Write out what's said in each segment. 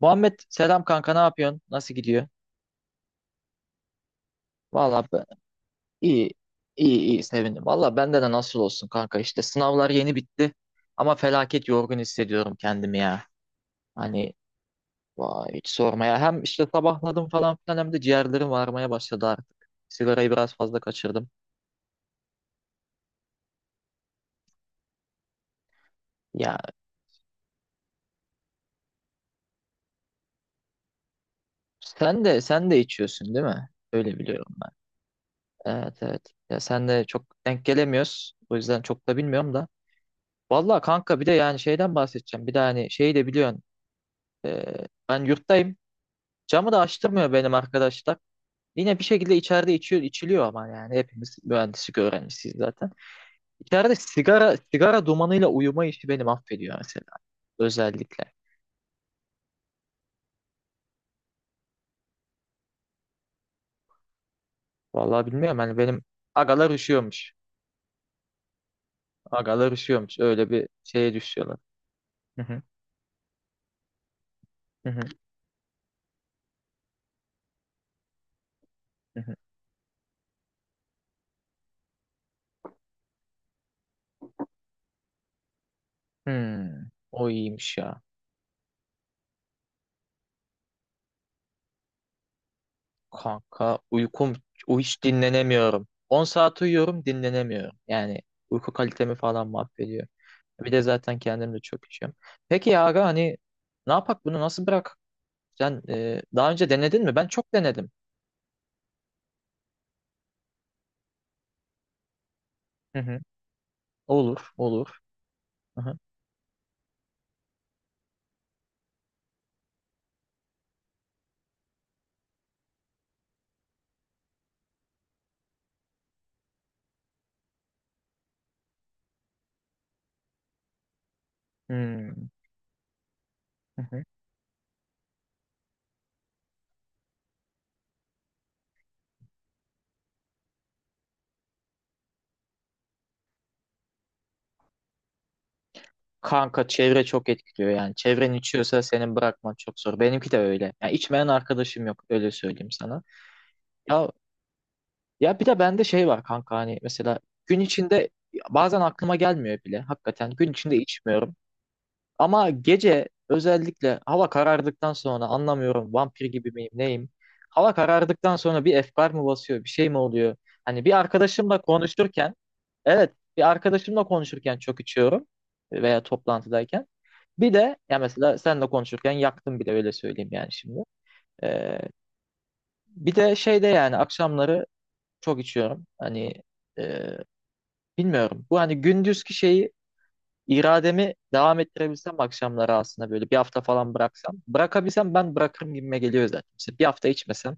Muhammed selam kanka ne yapıyorsun? Nasıl gidiyor? Valla ben, iyi iyi iyi sevindim. Valla bende de nasıl olsun kanka işte sınavlar yeni bitti ama felaket yorgun hissediyorum kendimi ya. Hani vay hiç sormaya. Hem işte sabahladım falan filan hem de ciğerlerim varmaya başladı artık. Sigarayı biraz fazla kaçırdım. Ya sen de içiyorsun değil mi? Öyle biliyorum ben. Evet, evet. Ya sen de çok denk gelemiyoruz. O yüzden çok da bilmiyorum da. Valla kanka bir de yani şeyden bahsedeceğim. Bir de hani şeyi de biliyorsun. Ee, ben yurttayım. Camı da açtırmıyor benim arkadaşlar. Yine bir şekilde içeride içiyor, içiliyor ama yani hepimiz mühendislik öğrencisiyiz zaten. İçeride sigara dumanıyla uyuma işi beni affediyor mesela. Özellikle. Vallahi bilmiyorum hani benim agalar üşüyormuş. Agalar üşüyormuş. Öyle bir şeye düşüyorlar. Hı hı, hı hı, hı hı. O iyiymiş ya. Kanka uykum hiç dinlenemiyorum. 10 saat uyuyorum dinlenemiyorum. Yani uyku kalitemi falan mahvediyor. Bir de zaten kendim de çok içiyorum. Peki ya aga hani ne yapak bunu nasıl bırak? Sen daha önce denedin mi? Ben çok denedim. Hı hı. Olur, olur. Hı hı. Hmm, hı hı. Kanka çevre çok etkiliyor yani. Çevren içiyorsa senin bırakman çok zor. Benimki de öyle. Yani içmeyen arkadaşım yok öyle söyleyeyim sana. Ya ya bir de bende şey var kanka hani mesela gün içinde bazen aklıma gelmiyor bile. Hakikaten gün içinde içmiyorum. Ama gece özellikle hava karardıktan sonra anlamıyorum vampir gibi miyim neyim? Hava karardıktan sonra bir efkar mı basıyor bir şey mi oluyor? Hani bir arkadaşımla konuşurken evet bir arkadaşımla konuşurken çok içiyorum veya toplantıdayken. Bir de ya mesela senle konuşurken yaktım bile öyle söyleyeyim yani şimdi. Ee, bir de şeyde yani akşamları çok içiyorum. Hani e, bilmiyorum. Bu hani gündüzki şeyi. İrademi devam ettirebilsem akşamları aslında böyle bir hafta falan bıraksam. Bırakabilsem ben bırakırım gibime geliyor zaten. İşte bir hafta içmesem.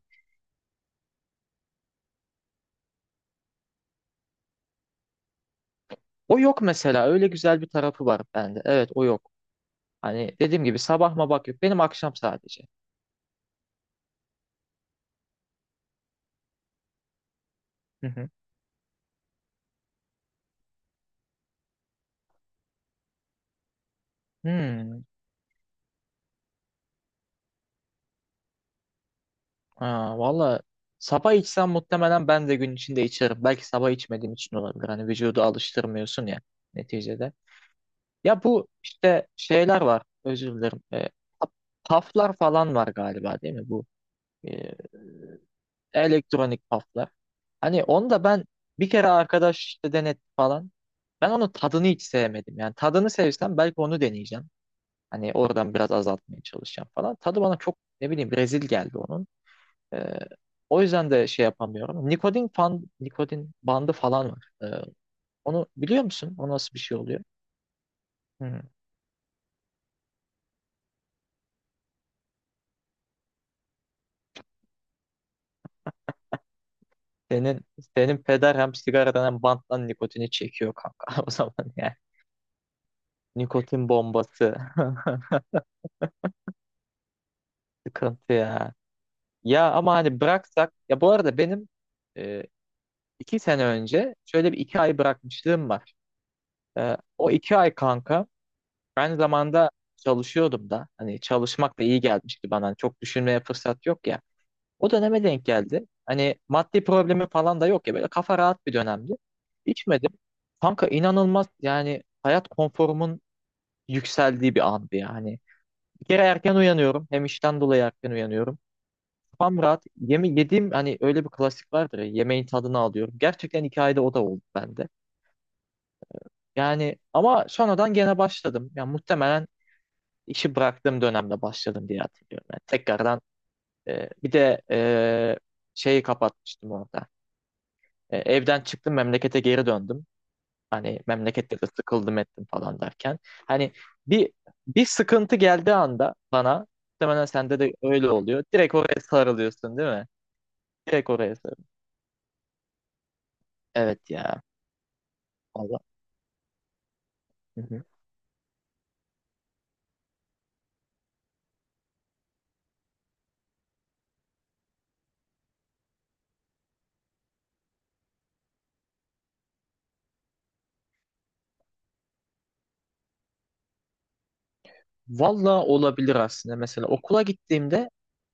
O yok mesela. Öyle güzel bir tarafı var bende. Evet, o yok. Hani dediğim gibi sabah mı bak yok. Benim akşam sadece. Hı hı. Hmm. Ha, valla sabah içsem muhtemelen ben de gün içinde içerim. Belki sabah içmediğim için olabilir. Hani vücudu alıştırmıyorsun ya neticede. Ya bu işte şeyler var. Özür dilerim. Paf- paflar falan var galiba değil mi bu? Ee, elektronik paflar. Hani onu da ben bir kere arkadaş işte denetti falan. Ben onun tadını hiç sevmedim. Yani tadını sevsem belki onu deneyeceğim. Hani oradan biraz azaltmaya çalışacağım falan. Tadı bana çok ne bileyim rezil geldi onun. Ee, o yüzden de şey yapamıyorum. Nikotin bandı falan var. Onu biliyor musun? O nasıl bir şey oluyor? Hı. Senin senin peder hem sigaradan hem banttan nikotini çekiyor kanka. O zaman yani nikotin bombası. Sıkıntı ya. Ya ama hani bıraksak ya bu arada benim e, 2 sene önce şöyle bir 2 ay bırakmışlığım var. O 2 ay kanka aynı zamanda çalışıyordum da hani çalışmak da iyi gelmişti bana. Hani çok düşünmeye fırsat yok ya. O döneme denk geldi. Hani maddi problemi falan da yok ya böyle kafa rahat bir dönemdi. İçmedim. Kanka inanılmaz yani hayat konforumun yükseldiği bir andı yani. Bir kere erken uyanıyorum. Hem işten dolayı erken uyanıyorum. Tam rahat. Yediğim hani öyle bir klasik vardır ya, yemeğin tadını alıyorum. Gerçekten hikayede o da oldu bende. Yani ama sonradan gene başladım. Yani muhtemelen işi bıraktığım dönemde başladım diye hatırlıyorum. Yani tekrardan bir de şeyi kapatmıştım orada. Evden çıktım memlekete geri döndüm. Hani memlekette de sıkıldım ettim falan derken. Hani bir bir sıkıntı geldiği anda bana muhtemelen sende de öyle oluyor. Direkt oraya sarılıyorsun değil mi? Direkt oraya sarılıyorsun. Evet ya. Hı hı. Valla olabilir aslında. Mesela okula gittiğimde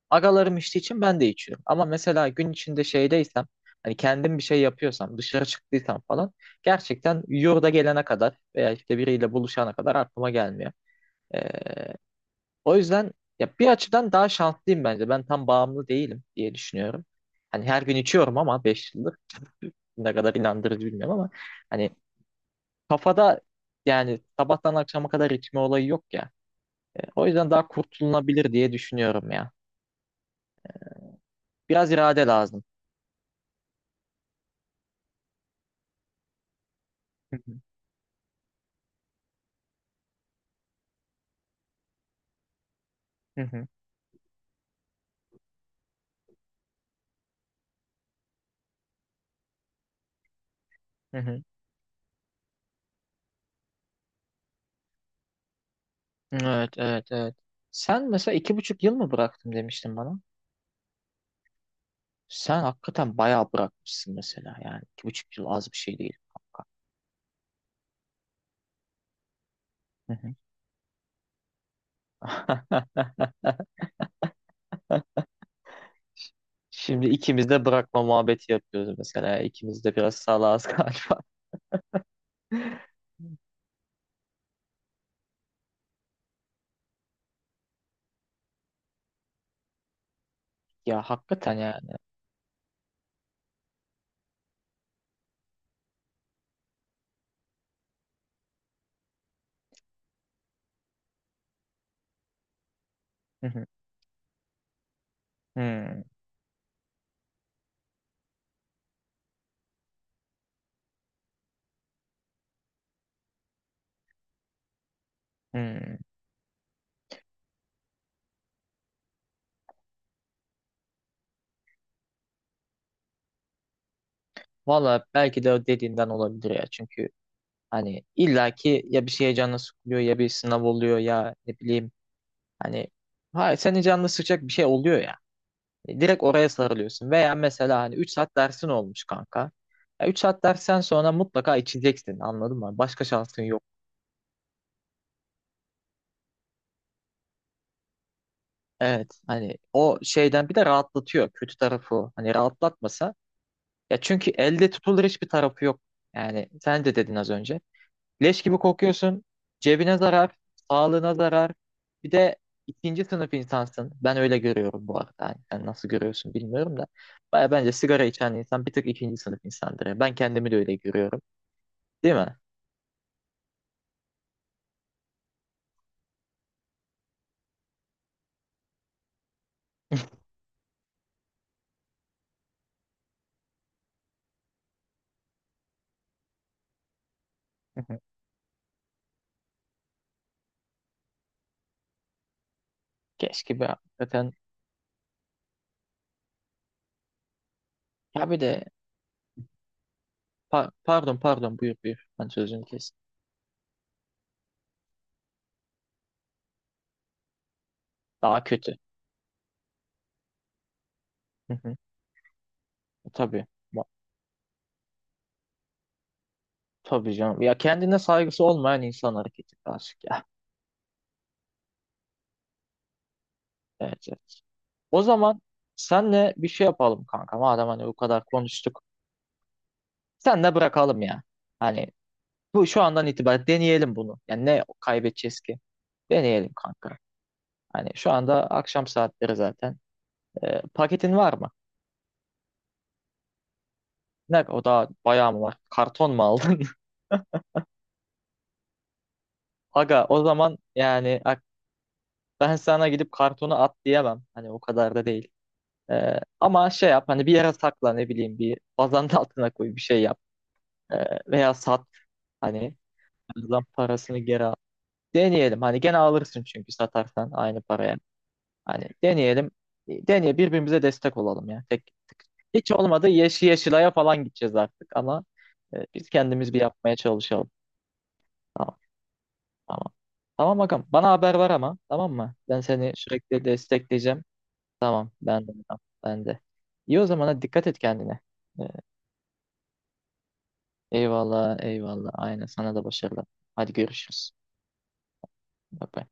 agalarım içtiği için ben de içiyorum. Ama mesela gün içinde şeydeysem hani kendim bir şey yapıyorsam dışarı çıktıysam falan gerçekten yurda gelene kadar veya işte biriyle buluşana kadar aklıma gelmiyor. Ee, o yüzden ya bir açıdan daha şanslıyım bence. Ben tam bağımlı değilim diye düşünüyorum. Hani her gün içiyorum ama 5 yıldır ne kadar inandırıcı bilmiyorum ama hani kafada yani sabahtan akşama kadar içme olayı yok ya. O yüzden daha kurtulunabilir diye düşünüyorum ya. Biraz irade lazım. Hı hı, hı hı, hı hı. Evet, evet, evet. Sen mesela 2,5 yıl mı bıraktım demiştin bana. Sen hakikaten bayağı bırakmışsın mesela yani. 2,5 yıl az bir şey değil kanka. Hı hı. Şimdi ikimiz de bırakma muhabbeti yapıyoruz mesela. İkimiz de biraz salağız galiba. Ya hakikaten yani. Hı hı. Hmm, hmm. Valla belki de dediğinden olabilir ya. Çünkü hani illaki ya bir şeye canını sıkılıyor ya bir sınav oluyor ya ne bileyim hani hayır senin canını sıkacak bir şey oluyor ya. Direkt oraya sarılıyorsun. Veya mesela hani 3 saat dersin olmuş kanka. 3 saat dersten sonra mutlaka içeceksin anladın mı? Başka şansın yok. Evet hani o şeyden bir de rahatlatıyor kötü tarafı o. Hani rahatlatmasa ya çünkü elde tutulur hiçbir tarafı yok. Yani sen de dedin az önce. Leş gibi kokuyorsun. Cebine zarar, sağlığına zarar. Bir de ikinci sınıf insansın. Ben öyle görüyorum bu arada. Yani sen nasıl görüyorsun bilmiyorum da. Baya bence sigara içen insan bir tık ikinci sınıf insandır ya. Ben kendimi de öyle görüyorum. Değil mi? Hı hı. Keşke be hakikaten. Ya bir de pardon pardon buyur buyur. Ben sözünü kes. Daha kötü. Hı hı. Tabii. Ma- Tabii canım. Ya kendine saygısı olmayan insan hareketi aşık ya. Evet, evet. O zaman senle bir şey yapalım kanka. Madem hani bu kadar konuştuk. Senle bırakalım ya. Hani bu şu andan itibaren deneyelim bunu. Yani ne kaybedeceğiz ki? Deneyelim kanka. Hani şu anda akşam saatleri zaten. Paketin var mı? Ne o da bayağı mı var? Karton mu aldın? Aga o zaman yani ben sana gidip kartonu at diyemem. Hani o kadar da değil. Ama şey yap hani bir yere sakla ne bileyim bir bazanın altına koy bir şey yap. Veya sat. Hani lan parasını geri al. Deneyelim. Hani gene alırsın çünkü satarsan aynı paraya. Hani deneyelim. Deneye birbirimize destek olalım ya. Tek hiç olmadı Yeşilay'a falan gideceğiz artık ama biz kendimiz bir yapmaya çalışalım. Tamam. Tamam. Tamam bakalım. Bana haber ver ama. Tamam mı? Ben seni sürekli destekleyeceğim. Tamam. Ben de. Tamam, ben de. İyi o zaman hadi dikkat et kendine. E, eyvallah. Eyvallah. Aynen. Sana da başarılar. Hadi görüşürüz. Bye bye.